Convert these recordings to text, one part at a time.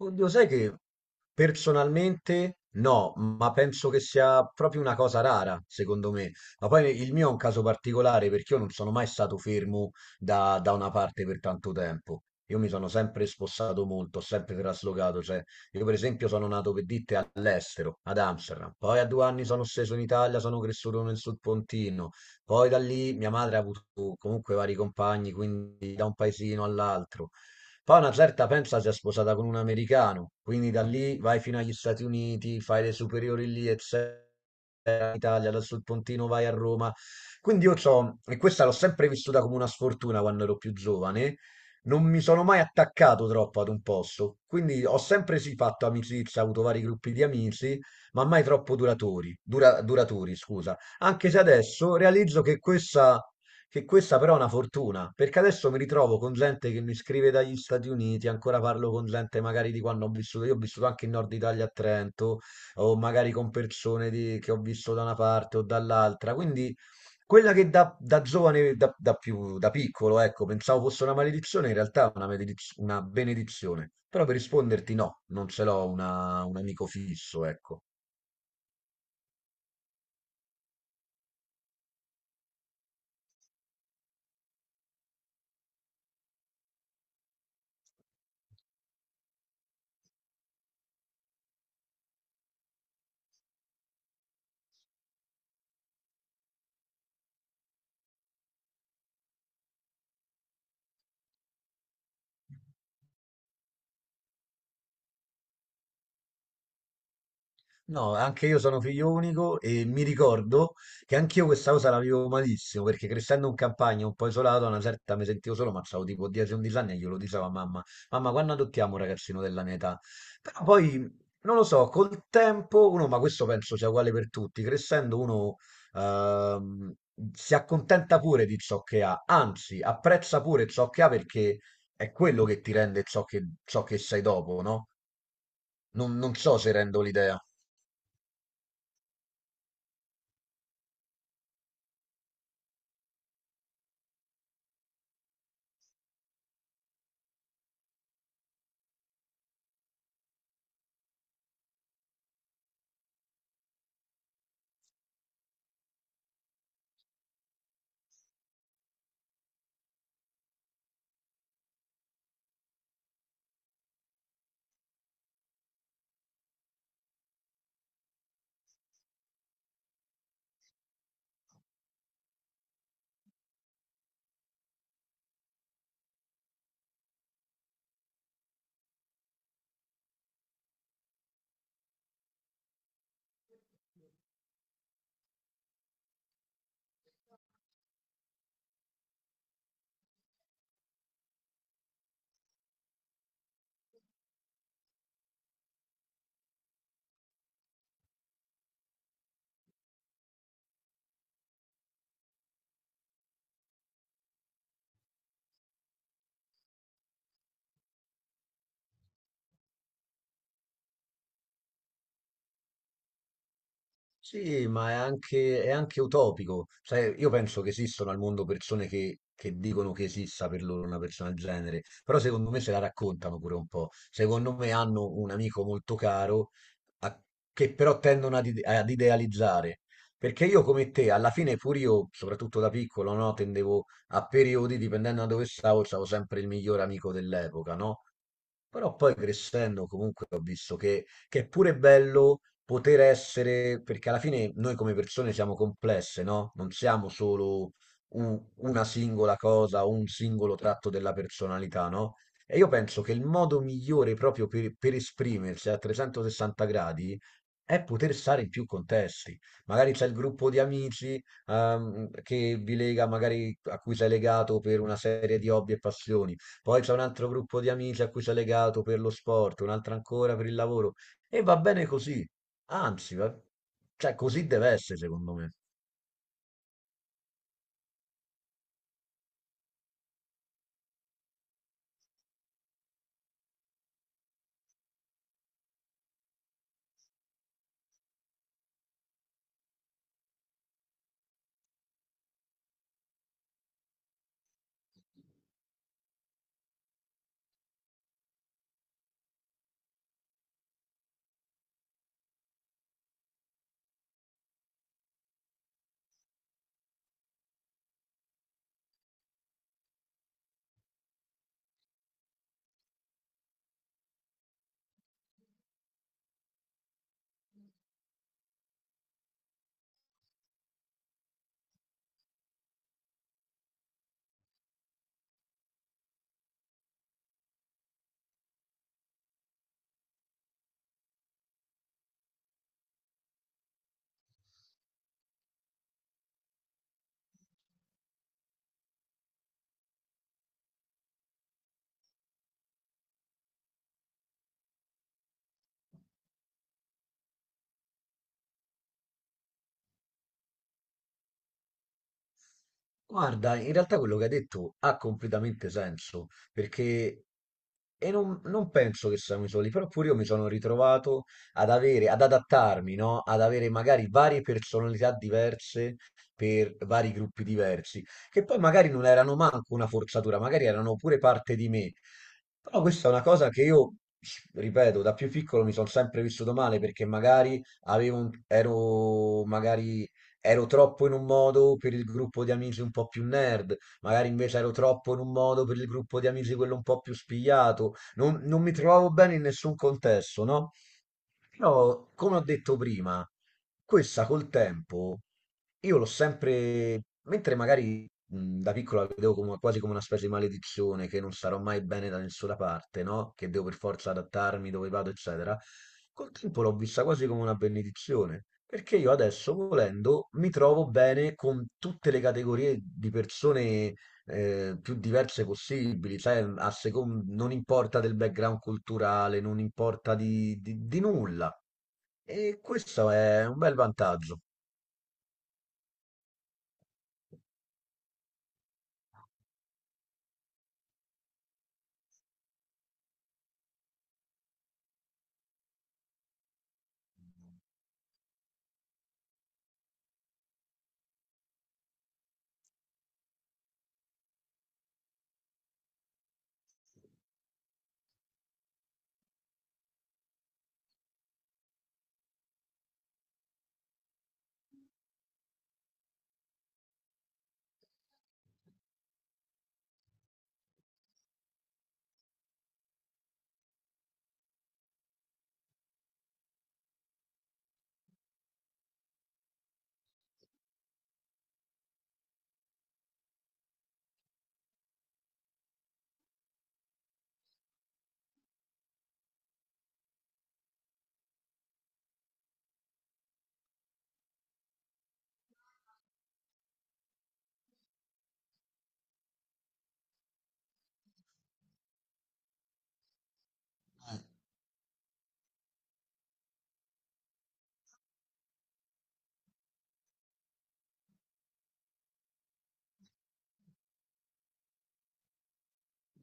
Oddio, sai che personalmente no, ma penso che sia proprio una cosa rara, secondo me. Ma poi il mio è un caso particolare perché io non sono mai stato fermo da una parte per tanto tempo. Io mi sono sempre spossato molto, ho sempre traslocato. Cioè, io per esempio sono nato per dite all'estero, ad Amsterdam. Poi a 2 anni sono sceso in Italia, sono cresciuto nel Sud Pontino. Poi da lì mia madre ha avuto comunque vari compagni, quindi da un paesino all'altro. Poi una certa pensa si è sposata con un americano, quindi da lì vai fino agli Stati Uniti, fai le superiori lì, eccetera, in Italia, da sul Pontino vai a Roma. Quindi io c'ho, e questa l'ho sempre vissuta come una sfortuna quando ero più giovane, non mi sono mai attaccato troppo ad un posto, quindi ho sempre sì fatto amicizia, avuto vari gruppi di amici, ma mai troppo duratori, duraturi, scusa. Anche se adesso realizzo che questa però è una fortuna, perché adesso mi ritrovo con gente che mi scrive dagli Stati Uniti, ancora parlo con gente magari di quando ho vissuto, io ho vissuto anche in Nord Italia a Trento, o magari con che ho visto da una parte o dall'altra, quindi quella che da, da giovane, da, da più, da piccolo, ecco, pensavo fosse una maledizione, in realtà è una benedizione, però per risponderti no, non ce un amico fisso, ecco. No, anche io sono figlio unico e mi ricordo che anch'io questa cosa la vivo malissimo perché crescendo in campagna un po' isolato, a una certa mi sentivo solo, ma avevo tipo 10-11 anni e glielo dicevo a mamma, mamma, quando adottiamo un ragazzino della mia età? Però poi, non lo so, col tempo uno, ma questo penso sia uguale per tutti, crescendo uno ehm, si accontenta pure di ciò che ha, anzi apprezza pure ciò che ha perché è quello che ti rende ciò ciò che sei dopo, no? Non so se rendo l'idea. Sì, ma è è anche utopico. Cioè, io penso che esistano al mondo persone che dicono che esista per loro una persona del genere, però secondo me se la raccontano pure un po'. Secondo me hanno un amico molto caro a- che però tendono ad idealizzare. Perché io come te, alla fine pure io, soprattutto da piccolo, no, tendevo a periodi, dipendendo da dove stavo, stavo sempre il miglior amico dell'epoca, no? Però poi crescendo comunque ho visto che è pure bello poter essere, perché alla fine noi come persone siamo complesse, no? Non siamo solo una singola cosa o un singolo tratto della personalità, no? E io penso che il modo migliore proprio per esprimersi a 360 gradi è poter stare in più contesti. Magari c'è il gruppo di amici, che vi lega, magari a cui sei legato per una serie di hobby e passioni. Poi c'è un altro gruppo di amici a cui sei legato per lo sport, un altro ancora per il lavoro. E va bene così, anzi, va- cioè così deve essere secondo me. Guarda, in realtà quello che hai detto ha completamente senso, perché e non penso che siamo i soli, però pure io mi sono ritrovato ad ad adattarmi, no? Ad avere magari varie personalità diverse per vari gruppi diversi, che poi magari non erano manco una forzatura, magari erano pure parte di me. Però questa è una cosa che ripeto, da più piccolo mi sono sempre vissuto male perché magari avevo un- ero magari ero troppo in un modo per il gruppo di amici un po' più nerd, magari invece ero troppo in un modo per il gruppo di amici quello un po' più spigliato. Non mi trovavo bene in nessun contesto, no? Però, come ho detto prima, questa col tempo io l'ho sempre, mentre magari da piccola la vedevo quasi come una specie di maledizione, che non sarò mai bene da nessuna parte, no? Che devo per forza adattarmi dove vado, eccetera. Col tempo l'ho vista quasi come una benedizione, perché io adesso, volendo, mi trovo bene con tutte le categorie di persone più diverse possibili, sai, non importa del background culturale, non importa di nulla. E questo è un bel vantaggio.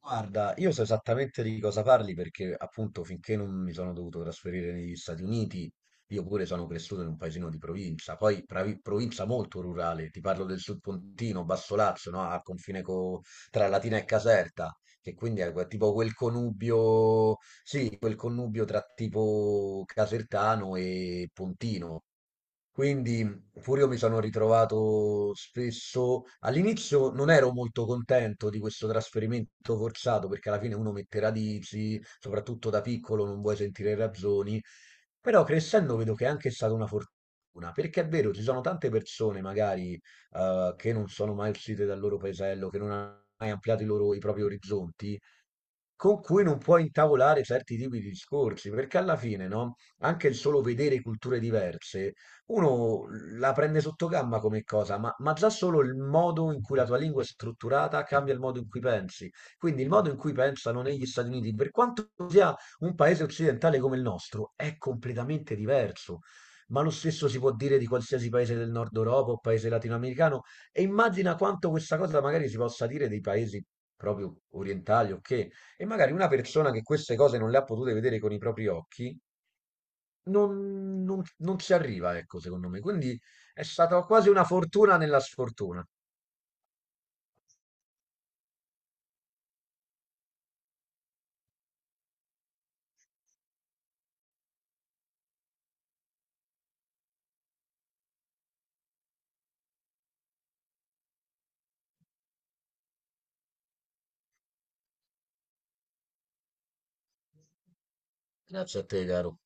Guarda, io so esattamente di cosa parli perché appunto finché non mi sono dovuto trasferire negli Stati Uniti, io pure sono cresciuto in un paesino di provincia, poi provincia molto rurale, ti parlo del Sud Pontino, Basso Lazio, no? A tra Latina e Caserta, che quindi è tipo quel connubio, sì, quel connubio tra tipo casertano e pontino. Quindi pure io mi sono ritrovato spesso, all'inizio non ero molto contento di questo trasferimento forzato perché alla fine uno mette radici, soprattutto da piccolo non vuoi sentire ragioni, però crescendo vedo che è anche stata una fortuna, perché è vero, ci sono tante persone magari che non sono mai uscite dal loro paesello, che non hanno mai ampliato i i propri orizzonti, con cui non puoi intavolare certi tipi di discorsi, perché alla fine, no? Anche il solo vedere culture diverse, uno la prende sotto gamba come cosa, ma già solo il modo in cui la tua lingua è strutturata cambia il modo in cui pensi. Quindi il modo in cui pensano negli Stati Uniti, per quanto sia un paese occidentale come il nostro, è completamente diverso. Ma lo stesso si può dire di qualsiasi paese del nord Europa o paese latinoamericano, e immagina quanto questa cosa magari si possa dire dei paesi proprio orientali, ok? E magari una persona che queste cose non le ha potute vedere con i propri occhi non ci arriva, ecco, secondo me. Quindi è stata quasi una fortuna nella sfortuna. Grazie a te, caro.